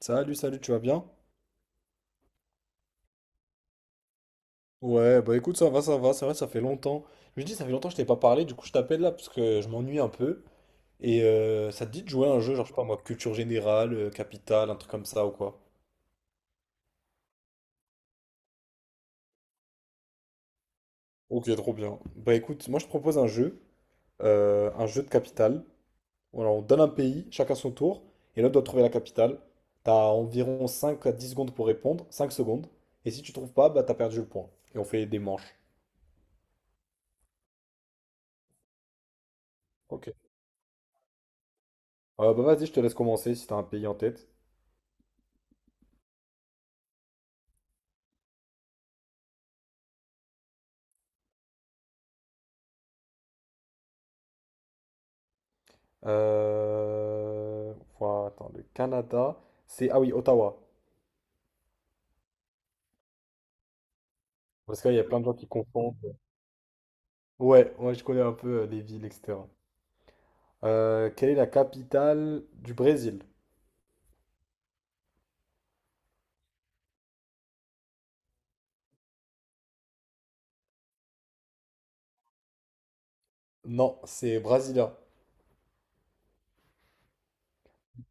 Salut, salut, tu vas bien? Ouais, bah écoute, ça va, c'est vrai, ça fait longtemps. Je me dis, ça fait longtemps que je t'ai pas parlé, du coup je t'appelle là parce que je m'ennuie un peu. Et ça te dit de jouer à un jeu, genre je sais pas moi, culture générale, capitale, un truc comme ça ou quoi? Ok, trop bien. Bah écoute, moi je propose un jeu de capitale. Voilà, on donne un pays, chacun son tour, et l'autre doit trouver la capitale. T'as environ 5 à 10 secondes pour répondre, 5 secondes. Et si tu trouves pas, bah t'as perdu le point. Et on fait des manches. Ok. Bah vas-y, je te laisse commencer si t'as un pays en tête. Euh, voilà, attends, le Canada, c'est... Ah oui, Ottawa. Parce qu'il y a plein de gens qui confondent. Ouais, moi je connais un peu les villes, etc. Quelle est la capitale du Brésil? Non, c'est Brasilia.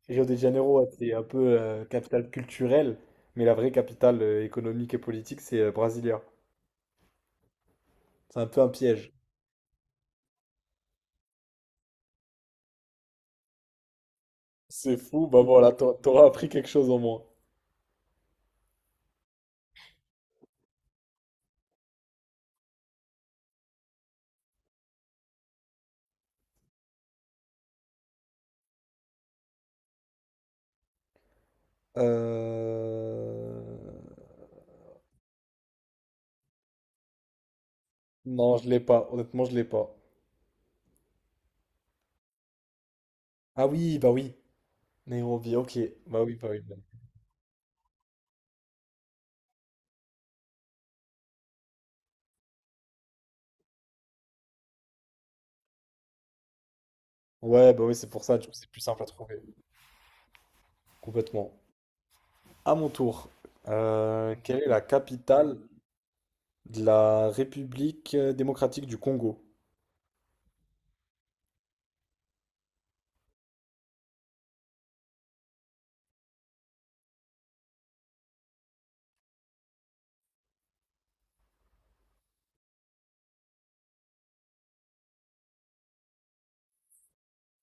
Rio de Janeiro, ouais, c'est un peu capitale culturelle, mais la vraie capitale économique et politique, c'est Brasilia. C'est un peu un piège. C'est fou, bah voilà, t'auras appris quelque chose au moins. Euh... Non, je l'ai pas. Honnêtement, je l'ai pas. Ah oui, bah oui. Nairobi, ok. Bah oui, bah oui, bah oui. Ouais, bah oui, c'est pour ça, du coup, c'est plus simple à trouver. Complètement. À mon tour. Quelle est la capitale de la République démocratique du Congo?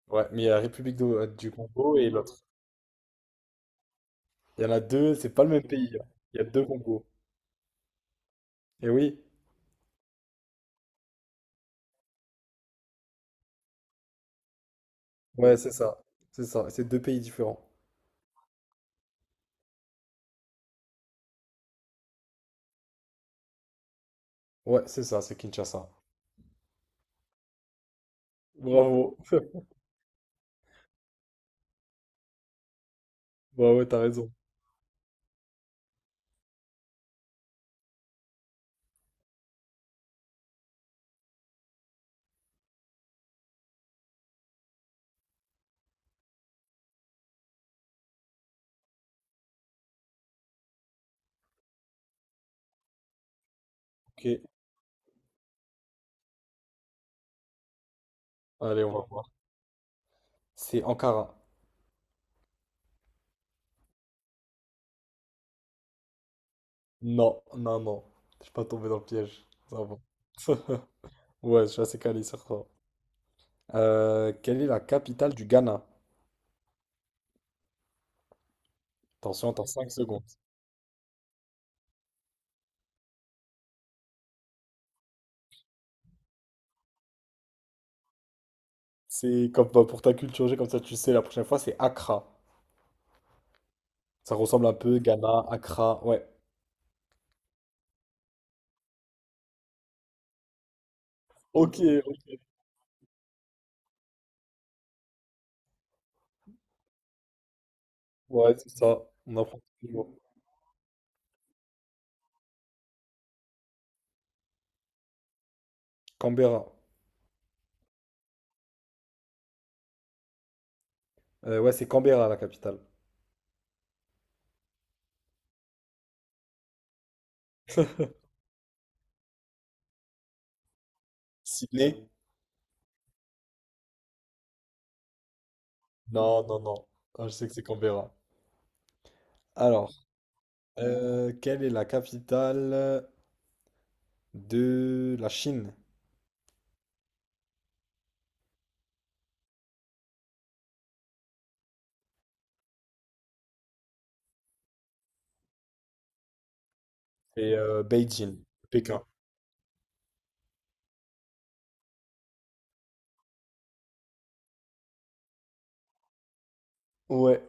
Ouais, mais il y a la République du Congo et l'autre. Il y en a deux, c'est pas le même pays, hein. Il y a deux Congos. Et oui, ouais, c'est ça. C'est ça, c'est deux pays différents. Ouais, c'est ça, c'est Kinshasa. Bravo. Bravo, t'as raison. Ok, allez, on va voir. C'est Ankara. Non, non, non. Je suis pas tombé dans le piège. Ça va. Ouais, je suis assez calé sur ça. Quelle est la capitale du Ghana? Attention, t'as 5 secondes. C'est comme bah, pour ta culture G, comme ça tu sais, la prochaine fois, c'est Accra. Ça ressemble un peu, Ghana, Accra, ouais. Ok, ok. Ouais, c'est ça. On apprend toujours. Canberra. Ouais, c'est Canberra la capitale. Sydney? Non, non, non. Ah, je sais que c'est Canberra. Alors, quelle est la capitale de la Chine? C'est Beijing. Pékin. Ouais.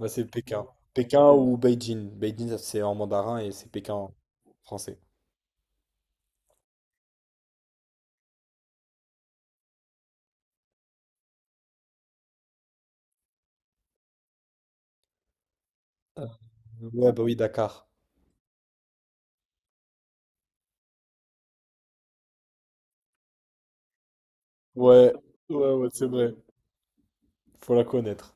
Ouais, c'est Pékin. Pékin ou Beijing. Beijing, ça, c'est en mandarin et c'est Pékin en français. Ouais, bah oui, Dakar. Ouais, ouais, ouais, c'est vrai. Faut la connaître.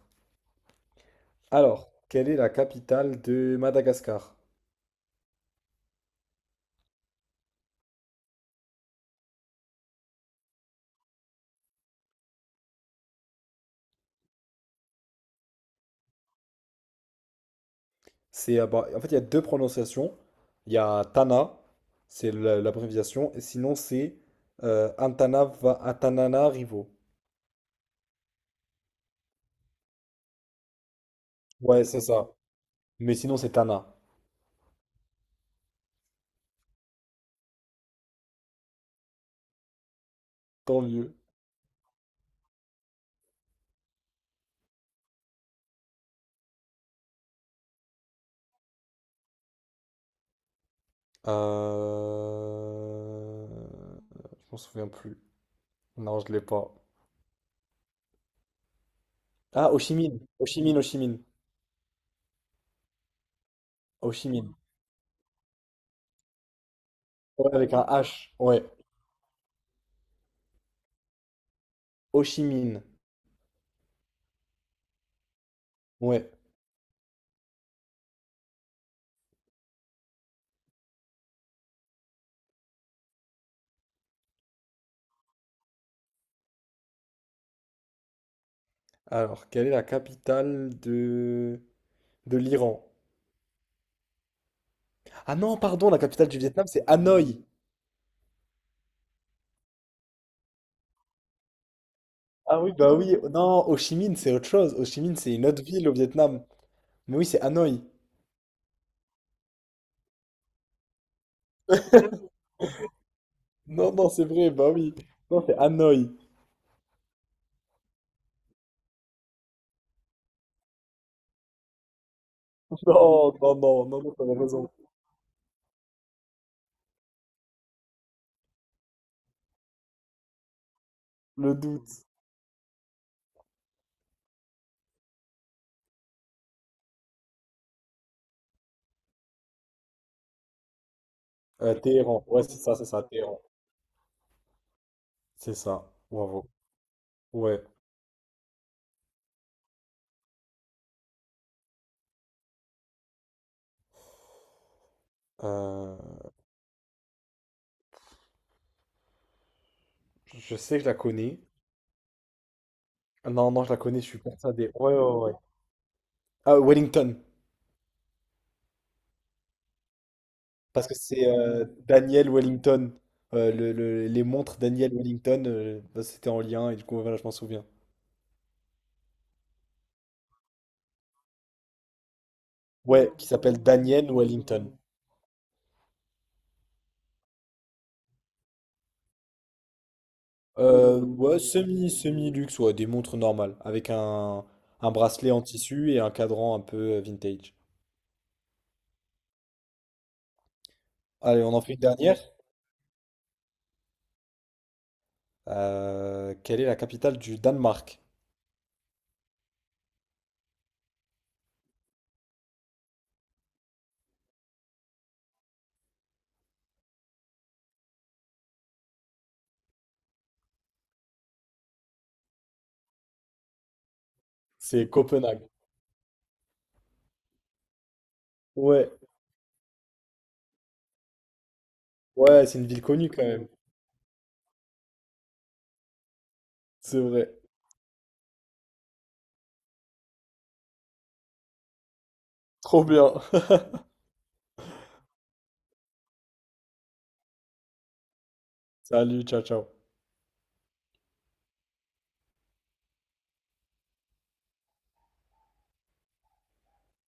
Alors, quelle est la capitale de Madagascar? C'est, bah, en fait, il y a deux prononciations. Il y a Tana, c'est l'abréviation, et sinon c'est Antananarivo. Ouais, c'est ça. Mais sinon c'est Tana. Tant mieux. Euh... Je m'en souviens plus. Non, je l'ai pas. Ah, Ho Chi Minh. Ho Chi Minh, Ho Chi Minh. Ho Chi Minh. Ouais, avec un H. Ouais. Ho Chi Minh. Ouais. Alors, quelle est la capitale de l'Iran? Ah non, pardon, la capitale du Vietnam, c'est Hanoï. Ah oui, bah oui. Non, Ho Chi Minh, c'est autre chose. Ho Chi Minh, c'est une autre ville au Vietnam. Mais oui, c'est Hanoï. Non, non, c'est vrai, bah oui. Non, c'est Hanoï. Non, non, non, non, non, t'avais raison. Le doute. Téhéran. Ouais, c'est ça, Téhéran. C'est ça. Bravo. Ouais. Euh, je sais que je la connais. Non, non, je la connais, je suis persuadé. Ouais, ouais, ouais. Ah, Wellington. Parce que c'est Daniel Wellington. Les montres Daniel Wellington, bah, c'était en lien et du coup, voilà, je m'en souviens. Ouais, qui s'appelle Daniel Wellington. Ouais, semi-luxe, ouais, des montres normales. Avec un bracelet en tissu et un cadran un peu vintage. Allez, on en fait une dernière. Quelle est la capitale du Danemark? C'est Copenhague. Ouais, ouais, c'est une ville connue quand même. C'est vrai. Trop bien. Salut, ciao, ciao.